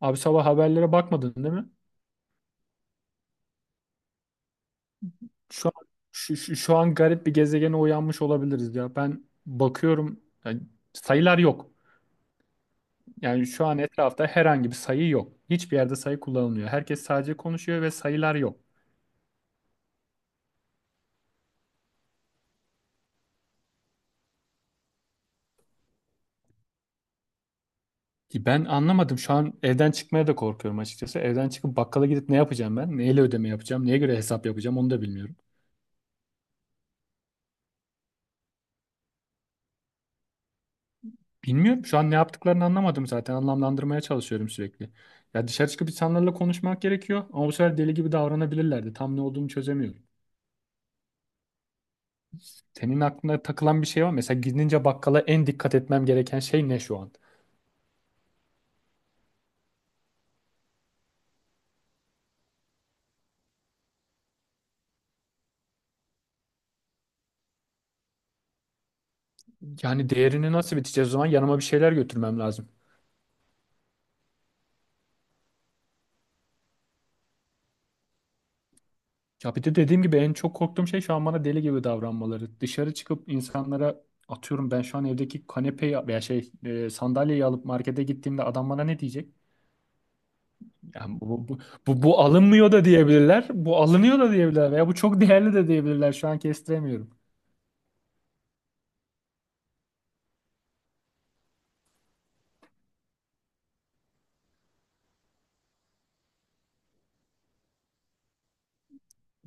Abi sabah haberlere bakmadın değil mi? Şu an, şu an garip bir gezegene uyanmış olabiliriz ya. Ben bakıyorum, yani sayılar yok. Yani şu an etrafta herhangi bir sayı yok. Hiçbir yerde sayı kullanılmıyor. Herkes sadece konuşuyor ve sayılar yok. Ben anlamadım. Şu an evden çıkmaya da korkuyorum açıkçası. Evden çıkıp bakkala gidip ne yapacağım ben? Neyle ödeme yapacağım? Neye göre hesap yapacağım? Onu da bilmiyorum. Bilmiyorum. Şu an ne yaptıklarını anlamadım zaten. Anlamlandırmaya çalışıyorum sürekli. Ya dışarı çıkıp insanlarla konuşmak gerekiyor ama bu sefer deli gibi davranabilirlerdi. Tam ne olduğunu çözemiyorum. Senin aklına takılan bir şey var mı? Mesela gidince bakkala en dikkat etmem gereken şey ne şu an? Yani değerini nasıl biteceğiz o zaman? Yanıma bir şeyler götürmem lazım. Ya bir de dediğim gibi en çok korktuğum şey şu an bana deli gibi davranmaları. Dışarı çıkıp insanlara atıyorum ben şu an evdeki kanepeyi veya sandalyeyi alıp markete gittiğimde adam bana ne diyecek? Yani bu alınmıyor da diyebilirler. Bu alınıyor da diyebilirler. Veya bu çok değerli de diyebilirler. Şu an kestiremiyorum.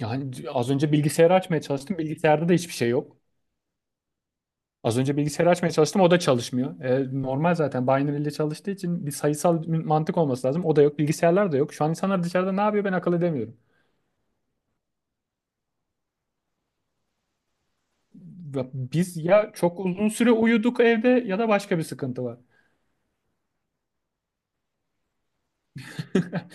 Yani az önce bilgisayarı açmaya çalıştım. Bilgisayarda da hiçbir şey yok. Az önce bilgisayarı açmaya çalıştım. O da çalışmıyor. E, normal zaten. Binary ile çalıştığı için bir sayısal mantık olması lazım. O da yok. Bilgisayarlar da yok. Şu an insanlar dışarıda ne yapıyor ben akıl edemiyorum. Biz ya çok uzun süre uyuduk evde ya da başka bir sıkıntı var.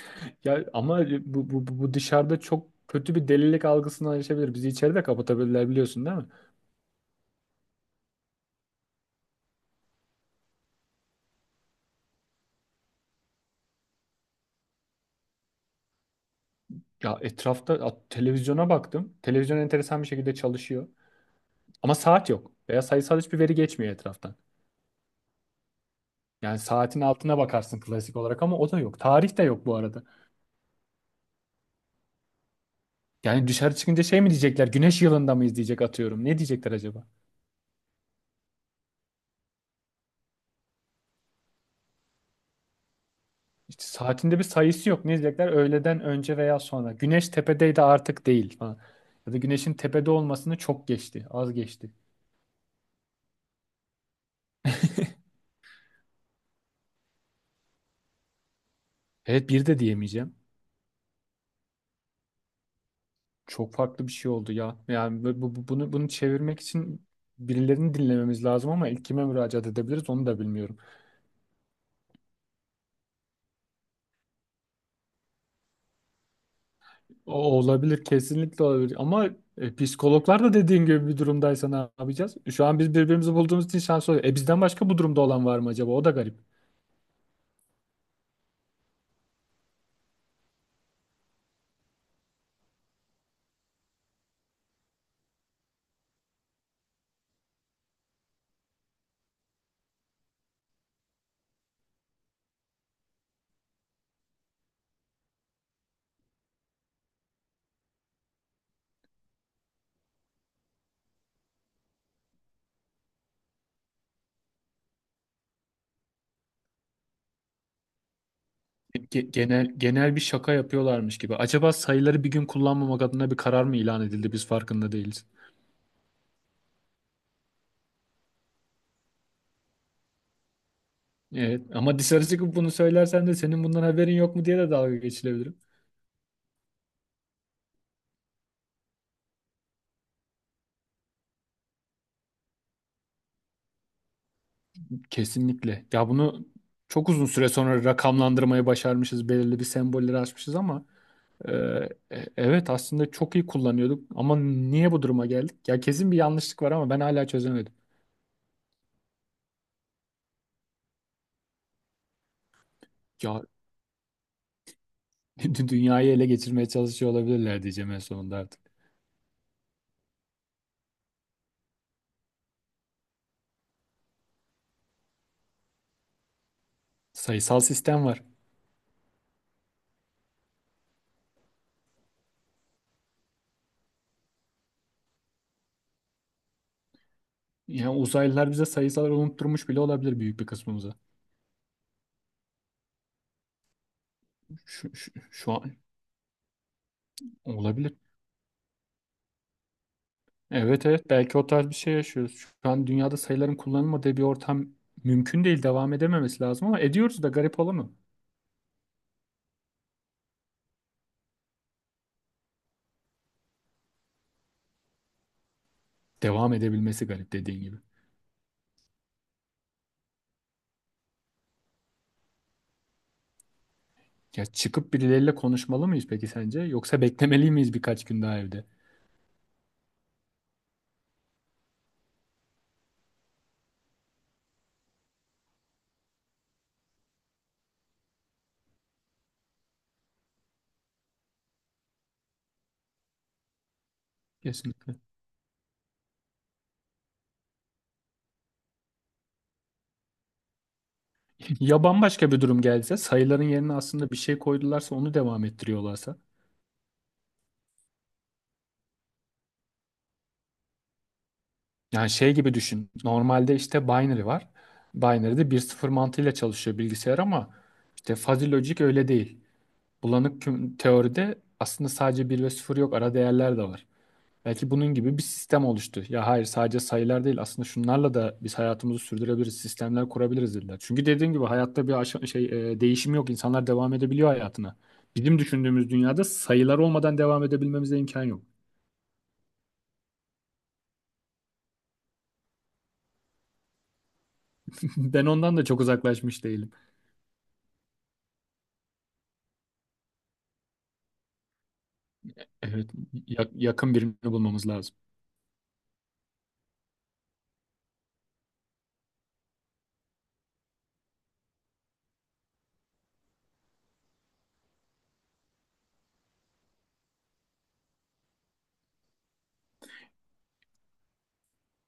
Ya ama bu dışarıda çok kötü bir delilik algısından açabilir. Bizi içeride kapatabilirler, biliyorsun değil mi? Ya etrafta, ya televizyona baktım. Televizyon enteresan bir şekilde çalışıyor. Ama saat yok. Veya sayısal hiçbir veri geçmiyor etraftan. Yani saatin altına bakarsın klasik olarak ama o da yok. Tarih de yok bu arada. Yani dışarı çıkınca şey mi diyecekler? Güneş yılında mıyız diyecek atıyorum. Ne diyecekler acaba? İşte saatinde bir sayısı yok. Ne diyecekler? Öğleden önce veya sonra. Güneş tepedeydi artık değil falan. Ya da güneşin tepede olmasını çok geçti. Az geçti. Evet, bir de diyemeyeceğim. Çok farklı bir şey oldu ya. Yani bunu çevirmek için birilerini dinlememiz lazım ama ilk kime müracaat edebiliriz onu da bilmiyorum. O olabilir, kesinlikle olabilir ama psikologlar da dediğin gibi bir durumdaysa ne yapacağız? Şu an biz birbirimizi bulduğumuz için şanslı oluyor. E bizden başka bu durumda olan var mı acaba? O da garip. Genel bir şaka yapıyorlarmış gibi. Acaba sayıları bir gün kullanmamak adına bir karar mı ilan edildi? Biz farkında değiliz. Evet ama dışarı çıkıp bunu söylersen de senin bundan haberin yok mu diye de dalga geçilebilirim. Kesinlikle. Ya bunu çok uzun süre sonra rakamlandırmayı başarmışız. Belirli bir sembolleri açmışız ama e, evet aslında çok iyi kullanıyorduk. Ama niye bu duruma geldik? Ya kesin bir yanlışlık var ama ben hala çözemedim. Ya dünyayı ele geçirmeye çalışıyor olabilirler diyeceğim en sonunda artık. Sayısal sistem var. Yani uzaylılar bize sayısalları unutturmuş bile olabilir büyük bir kısmımıza. Şu an olabilir. Evet evet, belki o tarz bir şey yaşıyoruz. Şu an dünyada sayıların kullanılmadığı bir ortam mümkün değil. Devam edememesi lazım ama ediyoruz da, garip olanı. Devam edebilmesi garip dediğin gibi. Ya çıkıp birileriyle konuşmalı mıyız peki sence? Yoksa beklemeli miyiz birkaç gün daha evde? Kesin. Ya bambaşka bir durum gelse, sayıların yerine aslında bir şey koydularsa, onu devam ettiriyorlarsa. Yani şey gibi düşün. Normalde işte binary var. Binary'de bir sıfır mantığıyla çalışıyor bilgisayar ama işte fuzzy logic öyle değil. Teoride aslında sadece bir ve sıfır yok. Ara değerler de var. Belki bunun gibi bir sistem oluştu. Ya hayır, sadece sayılar değil. Aslında şunlarla da biz hayatımızı sürdürebiliriz. Sistemler kurabiliriz dediler. Çünkü dediğim gibi hayatta bir aşa- şey e, değişim yok. İnsanlar devam edebiliyor hayatına. Bizim düşündüğümüz dünyada sayılar olmadan devam edebilmemize imkan yok. Ben ondan da çok uzaklaşmış değilim. Evet, yakın birini bulmamız lazım.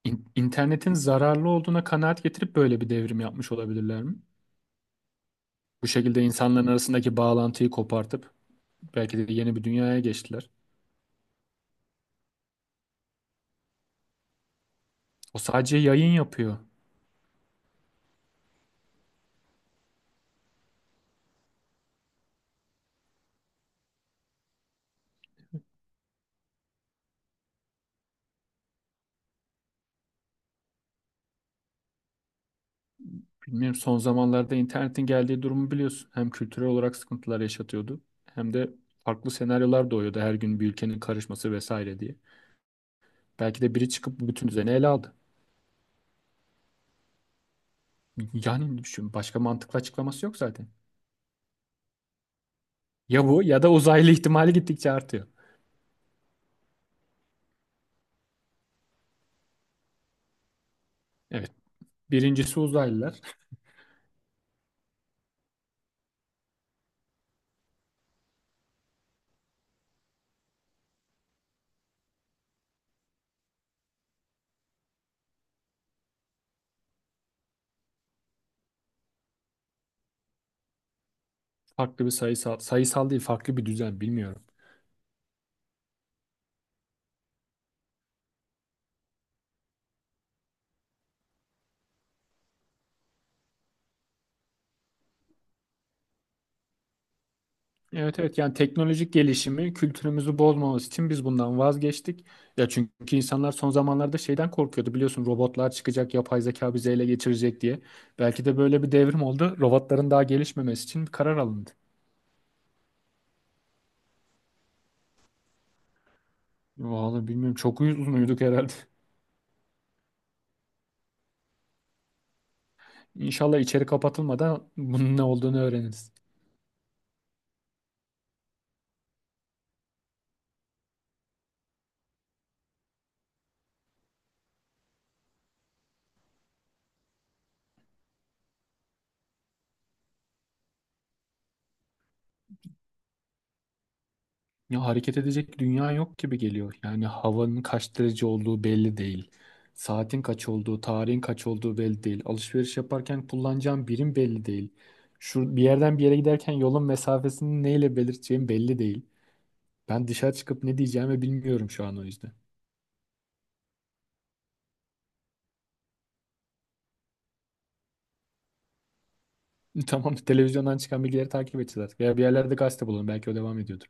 İnternetin zararlı olduğuna kanaat getirip böyle bir devrim yapmış olabilirler mi? Bu şekilde insanların arasındaki bağlantıyı kopartıp belki de yeni bir dünyaya geçtiler. O sadece yayın yapıyor. Bilmiyorum, son zamanlarda internetin geldiği durumu biliyorsun. Hem kültürel olarak sıkıntılar yaşatıyordu hem de farklı senaryolar doğuyordu her gün, bir ülkenin karışması vesaire diye. Belki de biri çıkıp bütün düzeni ele aldı. Yani düşün, başka mantıklı açıklaması yok zaten. Ya bu ya da uzaylı ihtimali gittikçe artıyor. Evet. Birincisi uzaylılar. Farklı bir sayısal, sayısal değil, farklı bir düzen bilmiyorum. Evet evet, yani teknolojik gelişimi kültürümüzü bozmaması için biz bundan vazgeçtik. Ya çünkü insanlar son zamanlarda şeyden korkuyordu biliyorsun, robotlar çıkacak, yapay zeka bizi ele geçirecek diye. Belki de böyle bir devrim oldu. Robotların daha gelişmemesi için bir karar alındı. Vallahi bilmiyorum, çok uzun uyuduk herhalde. İnşallah içeri kapatılmadan bunun ne olduğunu öğreniriz. Ya hareket edecek dünya yok gibi geliyor. Yani havanın kaç derece olduğu belli değil. Saatin kaç olduğu, tarihin kaç olduğu belli değil. Alışveriş yaparken kullanacağım birim belli değil. Şu bir yerden bir yere giderken yolun mesafesini neyle belirteceğim belli değil. Ben dışarı çıkıp ne diyeceğimi bilmiyorum şu an, o yüzden. Tamam, televizyondan çıkan bilgileri takip edeceğiz artık. Ya bir yerlerde gazete bulalım, belki o devam ediyordur.